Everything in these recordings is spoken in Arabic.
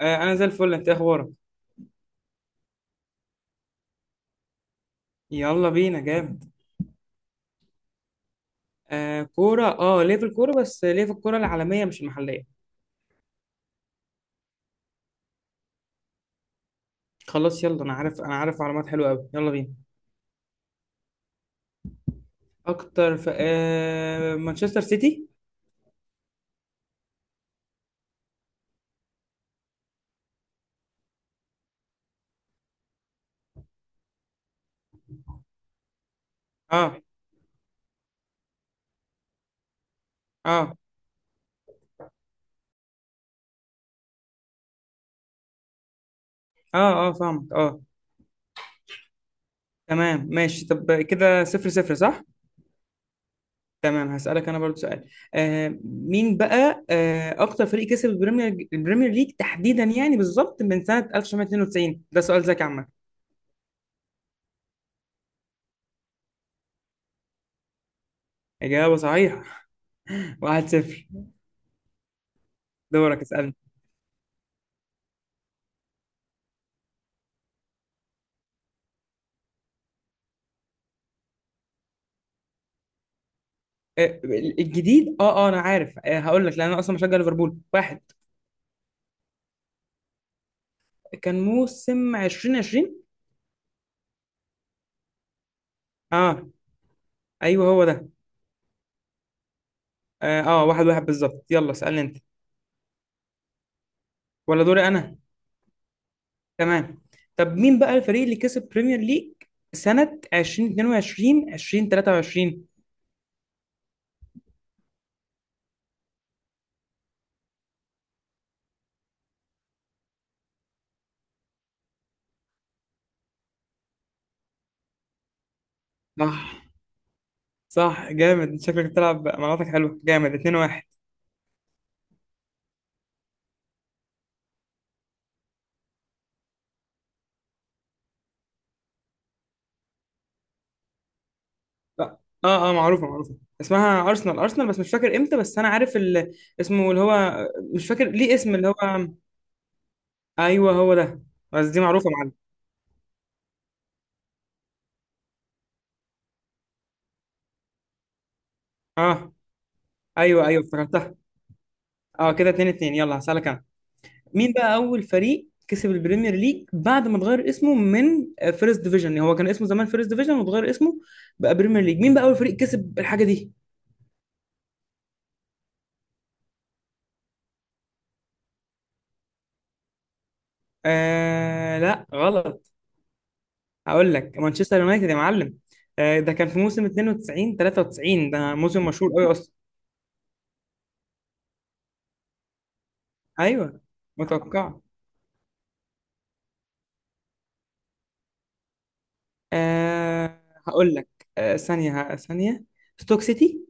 آه، انا زي الفل. انت إيه اخبارك؟ يلا بينا، جامد. آه، كوره، ليه في الكوره، بس ليه في الكوره العالميه مش المحليه. خلاص يلا، انا عارف معلومات حلوه قوي، يلا بينا. اكتر، في مانشستر سيتي. اه، اه، اه، اه فاهمك، اه. تمام ماشي. طب كده صفر صفر، صح؟ تمام، هسألك انا برضو سؤال. مين بقى اكتر فريق كسب البريمير ليج تحديدا، يعني بالظبط من سنة 1992. ده سؤال ذكي عامة. إجابة صحيحة. 1-0. دورك اسألني. آه، الجديد. اه انا عارف. هقول لك لان انا اصلا بشجع ليفربول واحد. كان موسم 2020. اه، ايوه، هو ده. اه، آه، واحد واحد بالظبط. يلا اسالني انت. ولا دوري انا؟ تمام. طب مين بقى الفريق اللي كسب بريمير ليج سنة 2022 2023؟ صح، صح، جامد. شكلك بتلعب مناطق حلوة، جامد. 2 1. اه، اه، معروفة، معروفة. اسمها ارسنال، ارسنال، بس مش فاكر امتى، بس انا عارف ال. اسمه اللي هو. مش فاكر ليه اسم، اللي هو. ايوه، هو ده. بس دي معروفه يا معلم. اه، ايوه، ايوه، افتكرتها. اه كده 2 2. يلا هسألك انا مين بقى اول فريق كسب البريمير ليج بعد ما اتغير اسمه من فيرست ديفيجن. هو كان اسمه زمان فيرست ديفيجن واتغير اسمه بقى بريمير ليج. مين بقى اول فريق كسب الحاجه دي؟ آه، لا، غلط. هقول لك مانشستر يونايتد يا معلم. آه، ده كان في موسم 92 93. ده موسم مشهور قوي اصلا. ايوه، متوقع. آه، هقول لك. آه، ثانيه، ثانيه. ستوك سيتي.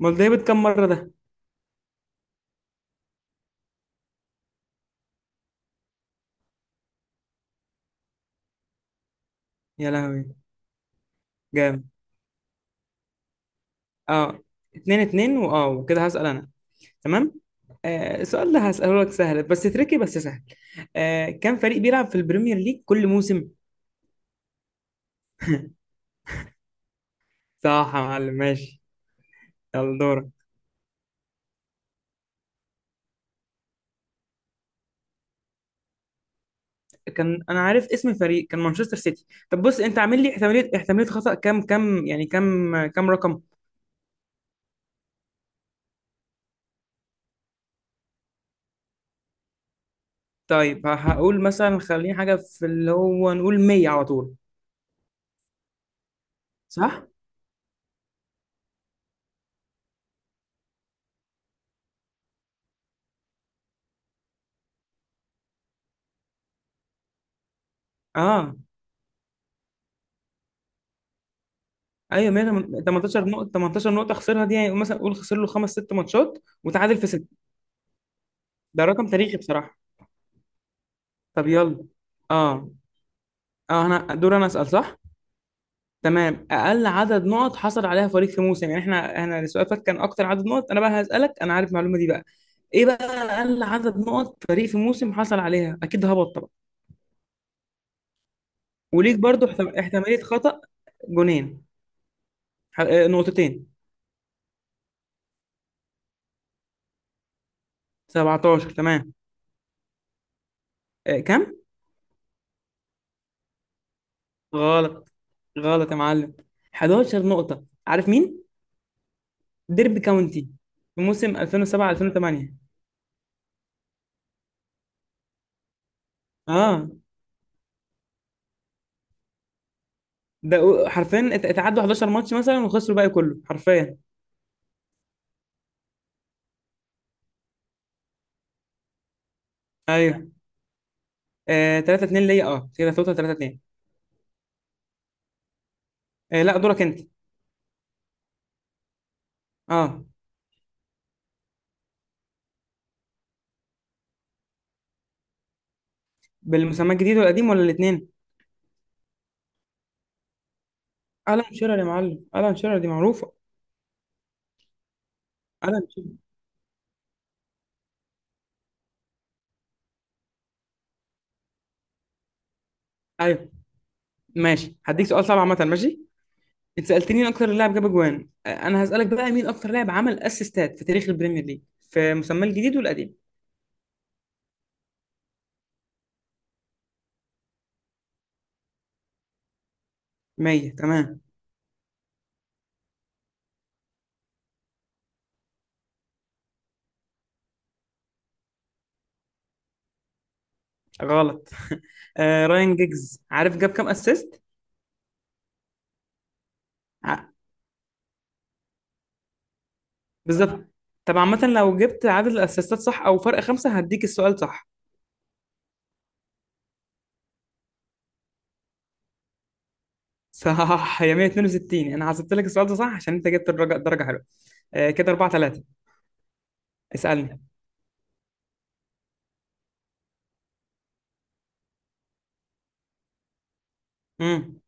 امال ده كام مرة ده؟ يا لهوي. جامد. اه، اتنين اتنين، واه وكده هسأل انا. تمام. آه، السؤال ده هسأله لك سهل، بس تريكي، بس سهل. كم فريق بيلعب في البريمير ليج كل موسم؟ صح يا معلم، ماشي. يلا دورك. كان انا عارف اسم الفريق، كان مانشستر سيتي. طب بص انت عامل لي احتمالية خطأ، كام كام، يعني كام كام رقم؟ طيب هقول مثلا، خليني حاجة في، اللي هو، نقول 100 على طول. صح. اه، ايوه، 100. 18 نقطه، 18 نقطه خسرها دي. يعني مثلا قول خسر له خمس ست ماتشات وتعادل في سته. ده رقم تاريخي بصراحه. طب يلا. اه، اه، انا دور، انا اسال، صح؟ تمام، اقل عدد نقط حصل عليها فريق في موسم، يعني احنا السؤال فات كان اكتر عدد نقط، انا بقى هسالك، انا عارف المعلومه دي بقى. ايه بقى اقل عدد نقط فريق في موسم حصل عليها؟ اكيد هبط طبعا. وليك برضو احتماليه خطا. جونين. نقطتين. 17، تمام. كم؟ غلط، غلط يا معلم. 11 نقطة. عارف مين؟ ديربي كاونتي في موسم 2007 2008. اه، ده حرفيا اتعدوا 11 ماتش مثلا وخسروا الباقي كله حرفيا. ايوه. آه، 3 2 ليا. اه كده توتال 3 2. آه، لا، دورك انت. اه، بالمسمى الجديد والقديم ولا الاثنين؟ الان شيرر يا معلم، الان شيرر دي معروفة. الان شيرر. ايوه. ماشي، هديك سؤال صعب عامة، ماشي؟ انت سألتني مين اكتر لاعب جاب اجوان. انا هسألك بقى مين اكتر لاعب عمل اسيستات في تاريخ البريمير ليج، في مسمى الجديد والقديم. 100، تمام. غلط. راين جيجز، عارف جاب كام اسيست؟ بالظبط. طب عامة لو جبت عدد الاسيستات صح او فرق خمسة هديك السؤال صح. صح، يا 162، انا حسبت لك السؤال ده صح عشان انت جبت الدرجة، درجة حلوة. آه كده 4 3. اسألني. امم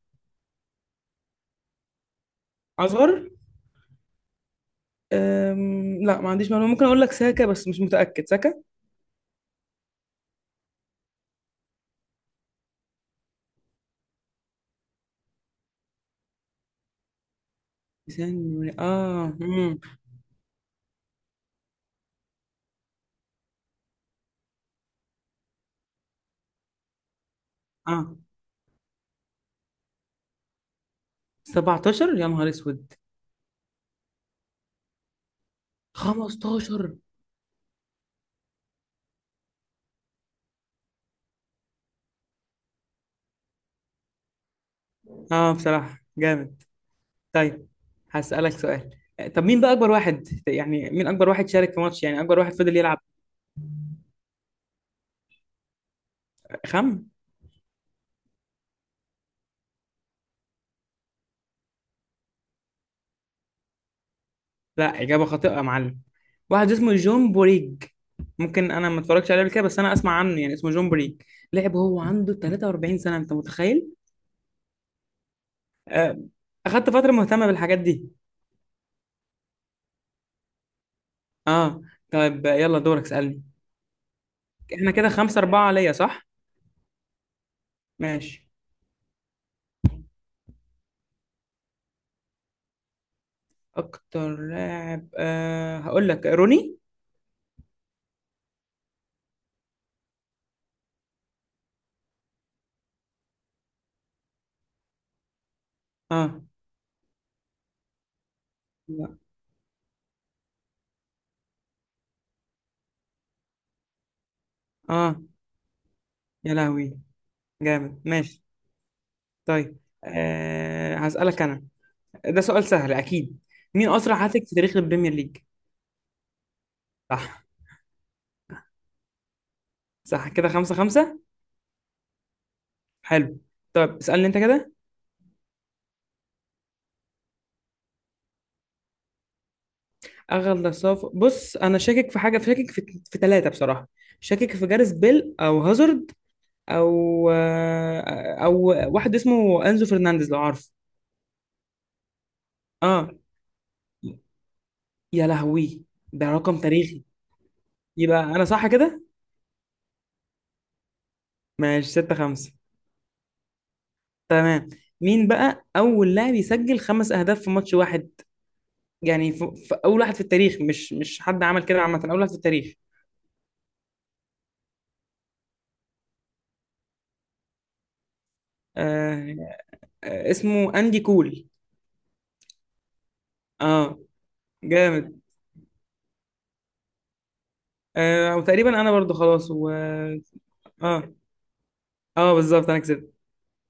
اصغر. لا، ما عنديش معلومة. ممكن اقول لك ساكا، بس مش متأكد ساكا. ثانية، اه 17 يا نهار اسود. 15. اه بصراحة جامد. طيب، هسألك سؤال. طب مين بقى أكبر واحد، يعني مين أكبر واحد شارك في ماتش، يعني أكبر واحد فضل يلعب؟ خم لا، إجابة خاطئة يا معلم. واحد اسمه جون بوريج. ممكن أنا ما اتفرجتش عليه قبل كده، بس أنا أسمع عنه، يعني اسمه جون بوريج. لعب هو عنده 43 سنة، أنت متخيل؟ آه، أخدت فترة مهتمة بالحاجات دي. أه. طيب، يلا دورك اسألني. إحنا كده خمسة أربعة ليا، صح؟ ماشي. أكتر لاعب، هقول لك روني. أه، لا. أه. يا لهوي، جامد، ماشي. طيب، أه هسألك أنا. ده سؤال سهل أكيد. مين أسرع هاتريك في تاريخ البريمير ليج؟ صح. صح، كده خمسة خمسة. حلو. طب اسألني أنت كده. أغلى بص، أنا شاكك في حاجة، شاكك في ثلاثة بصراحة. شاكك في جاريس بيل أو هازارد، أو واحد اسمه أنزو فرنانديز، لو عارف. أه، يا لهوي. ده رقم تاريخي. يبقى أنا صح كده؟ ماشي، ستة خمسة. تمام. مين بقى أول لاعب يسجل خمس أهداف في ماتش واحد؟ يعني اول واحد في التاريخ، مش حد عمل كده عامه، اول واحد في التاريخ. آه. آه، اسمه اندي كول. اه. جامد. وتقريبا انا برضو خلاص و. اه، اه، بالظبط، انا كسبت.